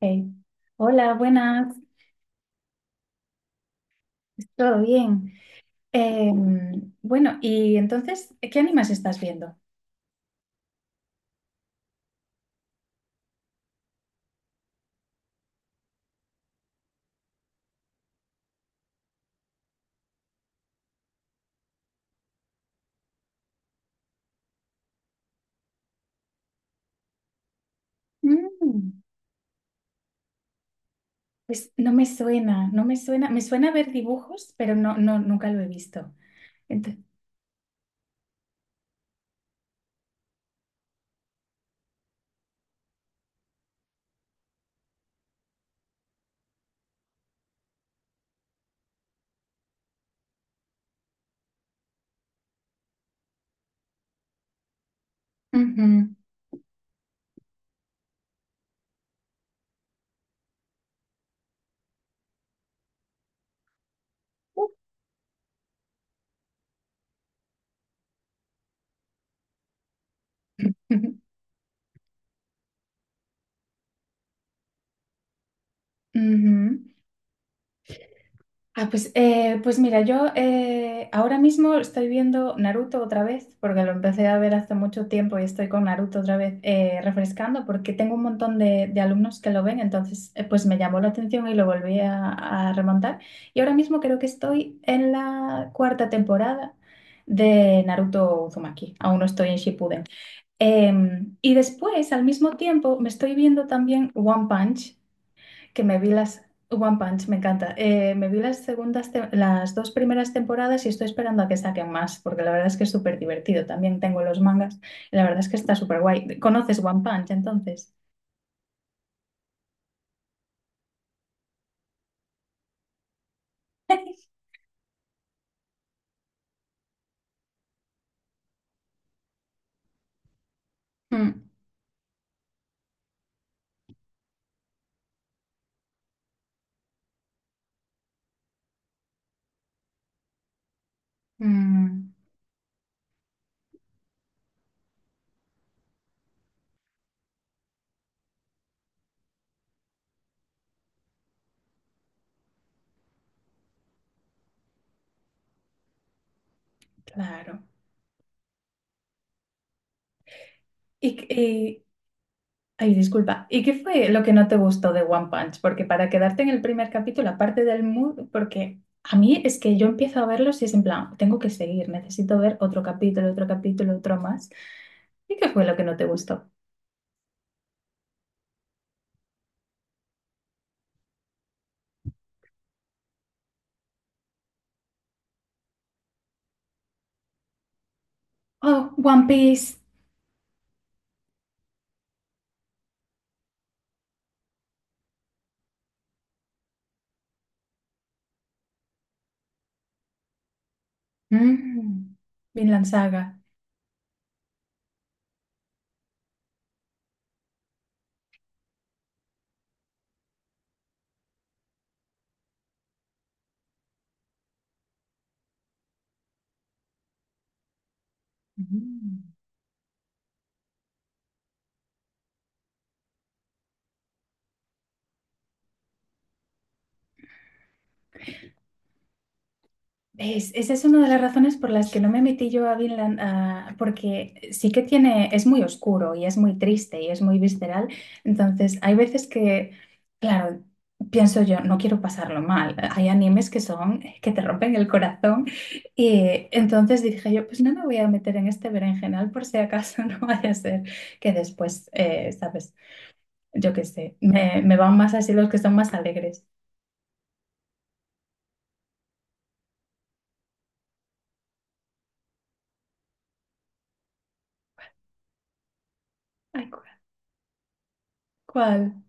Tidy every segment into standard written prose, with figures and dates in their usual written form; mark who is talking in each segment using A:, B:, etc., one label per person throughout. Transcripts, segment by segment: A: Hey. Hola, buenas. ¿Todo bien? Bueno, y entonces, ¿qué animas estás viendo? Mm, pues no me suena, no me suena. Me suena ver dibujos, pero no, no, nunca lo he visto. Ento- Ujú, ujú. Pues mira, yo ahora mismo estoy viendo Naruto otra vez, porque lo empecé a ver hace mucho tiempo y estoy con Naruto otra vez refrescando, porque tengo un montón de alumnos que lo ven, entonces pues me llamó la atención y lo volví a remontar. Y ahora mismo creo que estoy en la cuarta temporada de Naruto Uzumaki, aún no estoy en Shippuden. Y después, al mismo tiempo, me estoy viendo también One Punch que me vi las... One Punch, me encanta. Me vi las segundas, las dos primeras temporadas y estoy esperando a que saquen más, porque la verdad es que es súper divertido. También tengo los mangas y la verdad es que está súper guay. ¿Conoces One Punch entonces? Mm, mm, claro. Y, qué- y- Ay, disculpa. ¿Y qué fue lo que no te gustó de One Punch? Porque para quedarte en el primer capítulo, aparte del mood, porque a mí es que yo empiezo a verlos y es en plan, tengo que seguir, necesito ver otro capítulo, otro capítulo, otro más. ¿Y qué fue lo que no te gustó? Oh, One Piece. Mm, Vinland Saga. Mm. ¿Ves? Esa es una de las razones por las que no me metí yo a Vinland, ah, porque sí que tiene, es muy oscuro y es muy triste y es muy visceral. Entonces, hay veces que, claro, pienso yo, no quiero pasarlo mal. Hay animes que son, que te rompen el corazón. Y entonces dije yo, pues no me voy a meter en este berenjenal por si acaso no vaya a ser que después, ¿sabes? Yo qué sé, me van más así los que son más alegres. Ay, ¿cuál? ¿Cuál?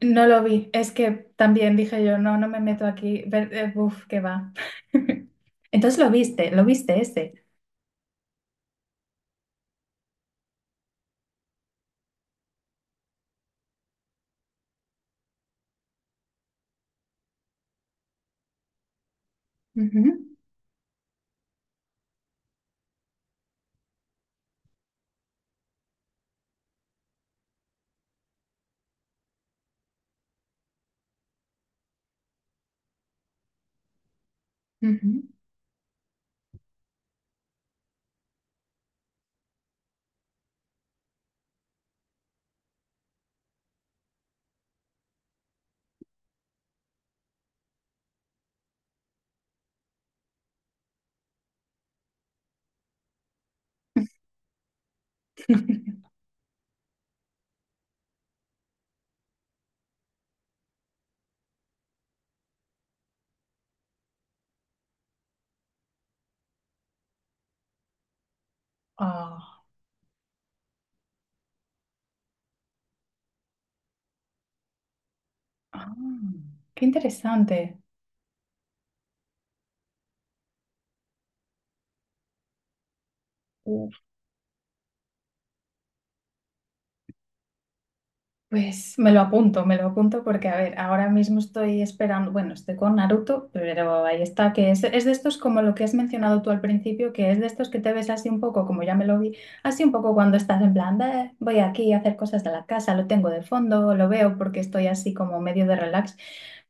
A: No lo vi, es que también dije yo, no, no me meto aquí, qué va. Entonces lo viste ese. Ujú, ujú. Ah, ah, qué interesante. Pues me lo apunto porque, a ver, ahora mismo estoy esperando, bueno, estoy con Naruto, pero ahí está, que es de estos como lo que has mencionado tú al principio, que es de estos que te ves así un poco, como ya me lo vi, así un poco cuando estás en plan, "Bah, voy aquí a hacer cosas de la casa, lo tengo de fondo, lo veo porque estoy así como medio de relax,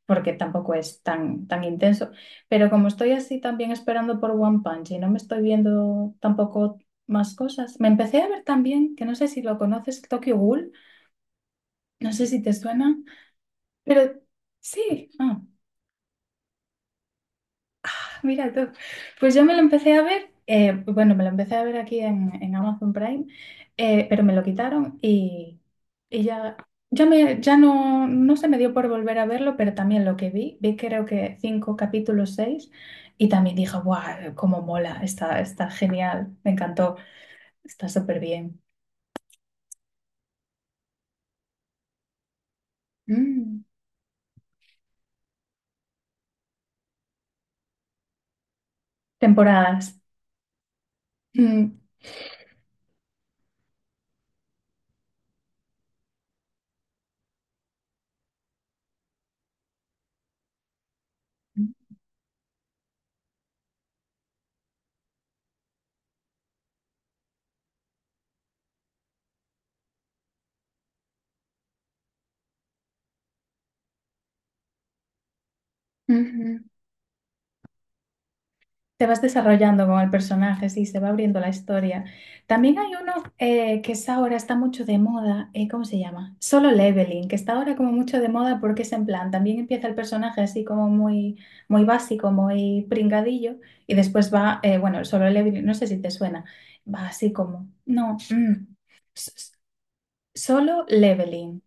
A: porque tampoco es tan, tan intenso, pero como estoy así también esperando por One Punch y no me estoy viendo tampoco más cosas, me empecé a ver también, que no sé si lo conoces, Tokyo Ghoul. No sé si te suena, pero sí. Ah, mira tú. Pues yo me lo empecé a ver, bueno, me lo empecé a ver aquí en Amazon Prime, pero me lo quitaron y ya, ya, ya no, no se me dio por volver a verlo, pero también lo que vi, vi creo que cinco capítulos, seis, y también dije, ¡guau! ¡Cómo mola! Está, está genial, me encantó, está súper bien. Mm, temporadas. Mm, ujú. Te vas desarrollando con el personaje, sí, se va abriendo la historia. También hay uno que es ahora está mucho de moda, ¿cómo se llama? Solo Leveling, que está ahora como mucho de moda porque es en plan, también empieza el personaje así como muy, muy básico, muy pringadillo, y después va, bueno, el Solo Leveling, no sé si te suena, va así como, no, mm, s- s- Solo Leveling.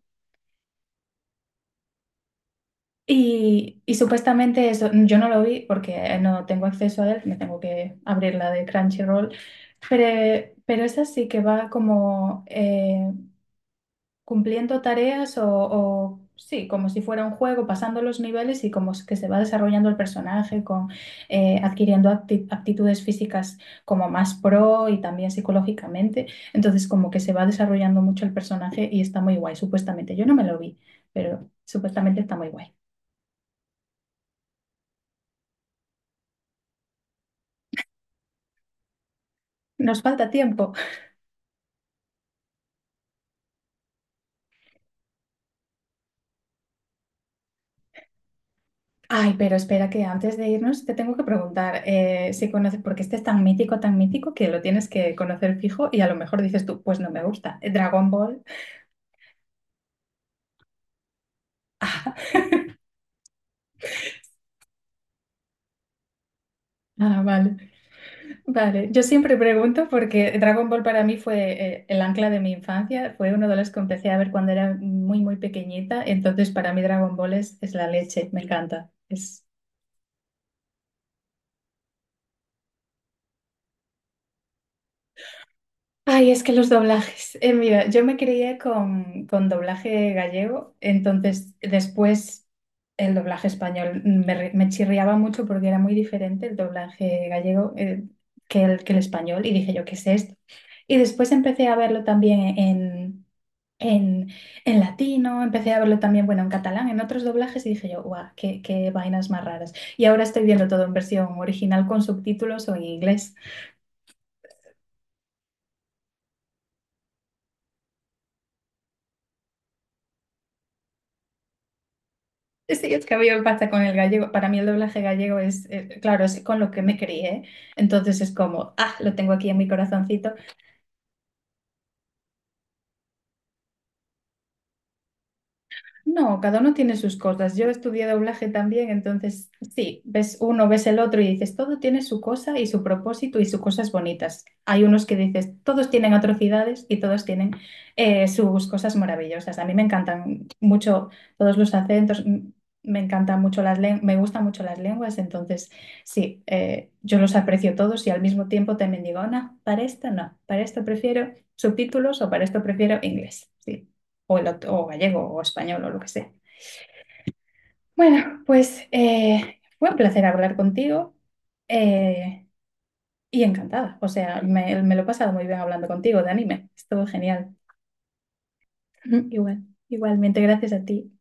A: Y supuestamente eso, yo no lo vi porque no tengo acceso a él, me tengo que abrir la de Crunchyroll, pero esa sí que va como cumpliendo tareas o sí, como si fuera un juego, pasando los niveles y como que se va desarrollando el personaje, con, adquiriendo aptitudes físicas como más pro y también psicológicamente. Entonces como que se va desarrollando mucho el personaje y está muy guay, supuestamente. Yo no me lo vi, pero supuestamente está muy guay. Nos falta tiempo. Ay, pero espera que antes de irnos te tengo que preguntar si conoces, porque este es tan mítico que lo tienes que conocer fijo y a lo mejor dices tú, pues no me gusta. Dragon Ball. Ah, vale, vale. Yo siempre pregunto porque Dragon Ball para mí fue el ancla de mi infancia, fue uno de los que empecé a ver cuando era muy, muy pequeñita, entonces para mí Dragon Ball es la leche, me encanta. Es ay, es que los doblajes. Mira, yo me crié con doblaje gallego, entonces después el doblaje español me chirriaba mucho porque era muy diferente el doblaje gallego que el español y dije yo, ¿qué es esto? Y después empecé a verlo también en, en latino, empecé a verlo también, bueno, en catalán, en otros doblajes y dije yo, guau, qué, qué vainas más raras. Y ahora estoy viendo todo en versión original con subtítulos o en inglés. Sí, es que a mí me pasa con el gallego. Para mí el doblaje gallego es, claro, es con lo que me crié. Entonces es como, ah, lo tengo aquí en mi corazoncito. No, cada uno tiene sus cosas. Yo estudié doblaje también, entonces sí, ves uno, ves el otro y dices, todo tiene su cosa y su propósito y sus cosas bonitas. Hay unos que dices, todos tienen atrocidades y todos tienen sus cosas maravillosas. A mí me encantan mucho todos los acentos, me encantan mucho las lenguas, me gustan mucho las lenguas, entonces sí, yo los aprecio todos y al mismo tiempo también digo, no, para esto no, para esto prefiero subtítulos o para esto prefiero inglés. Sí o, o gallego o español o lo que sea. Bueno, pues fue un placer hablar contigo eh, y encantada. O sea, me lo he pasado muy bien hablando contigo de anime. Estuvo genial. Igual, igualmente, gracias a ti.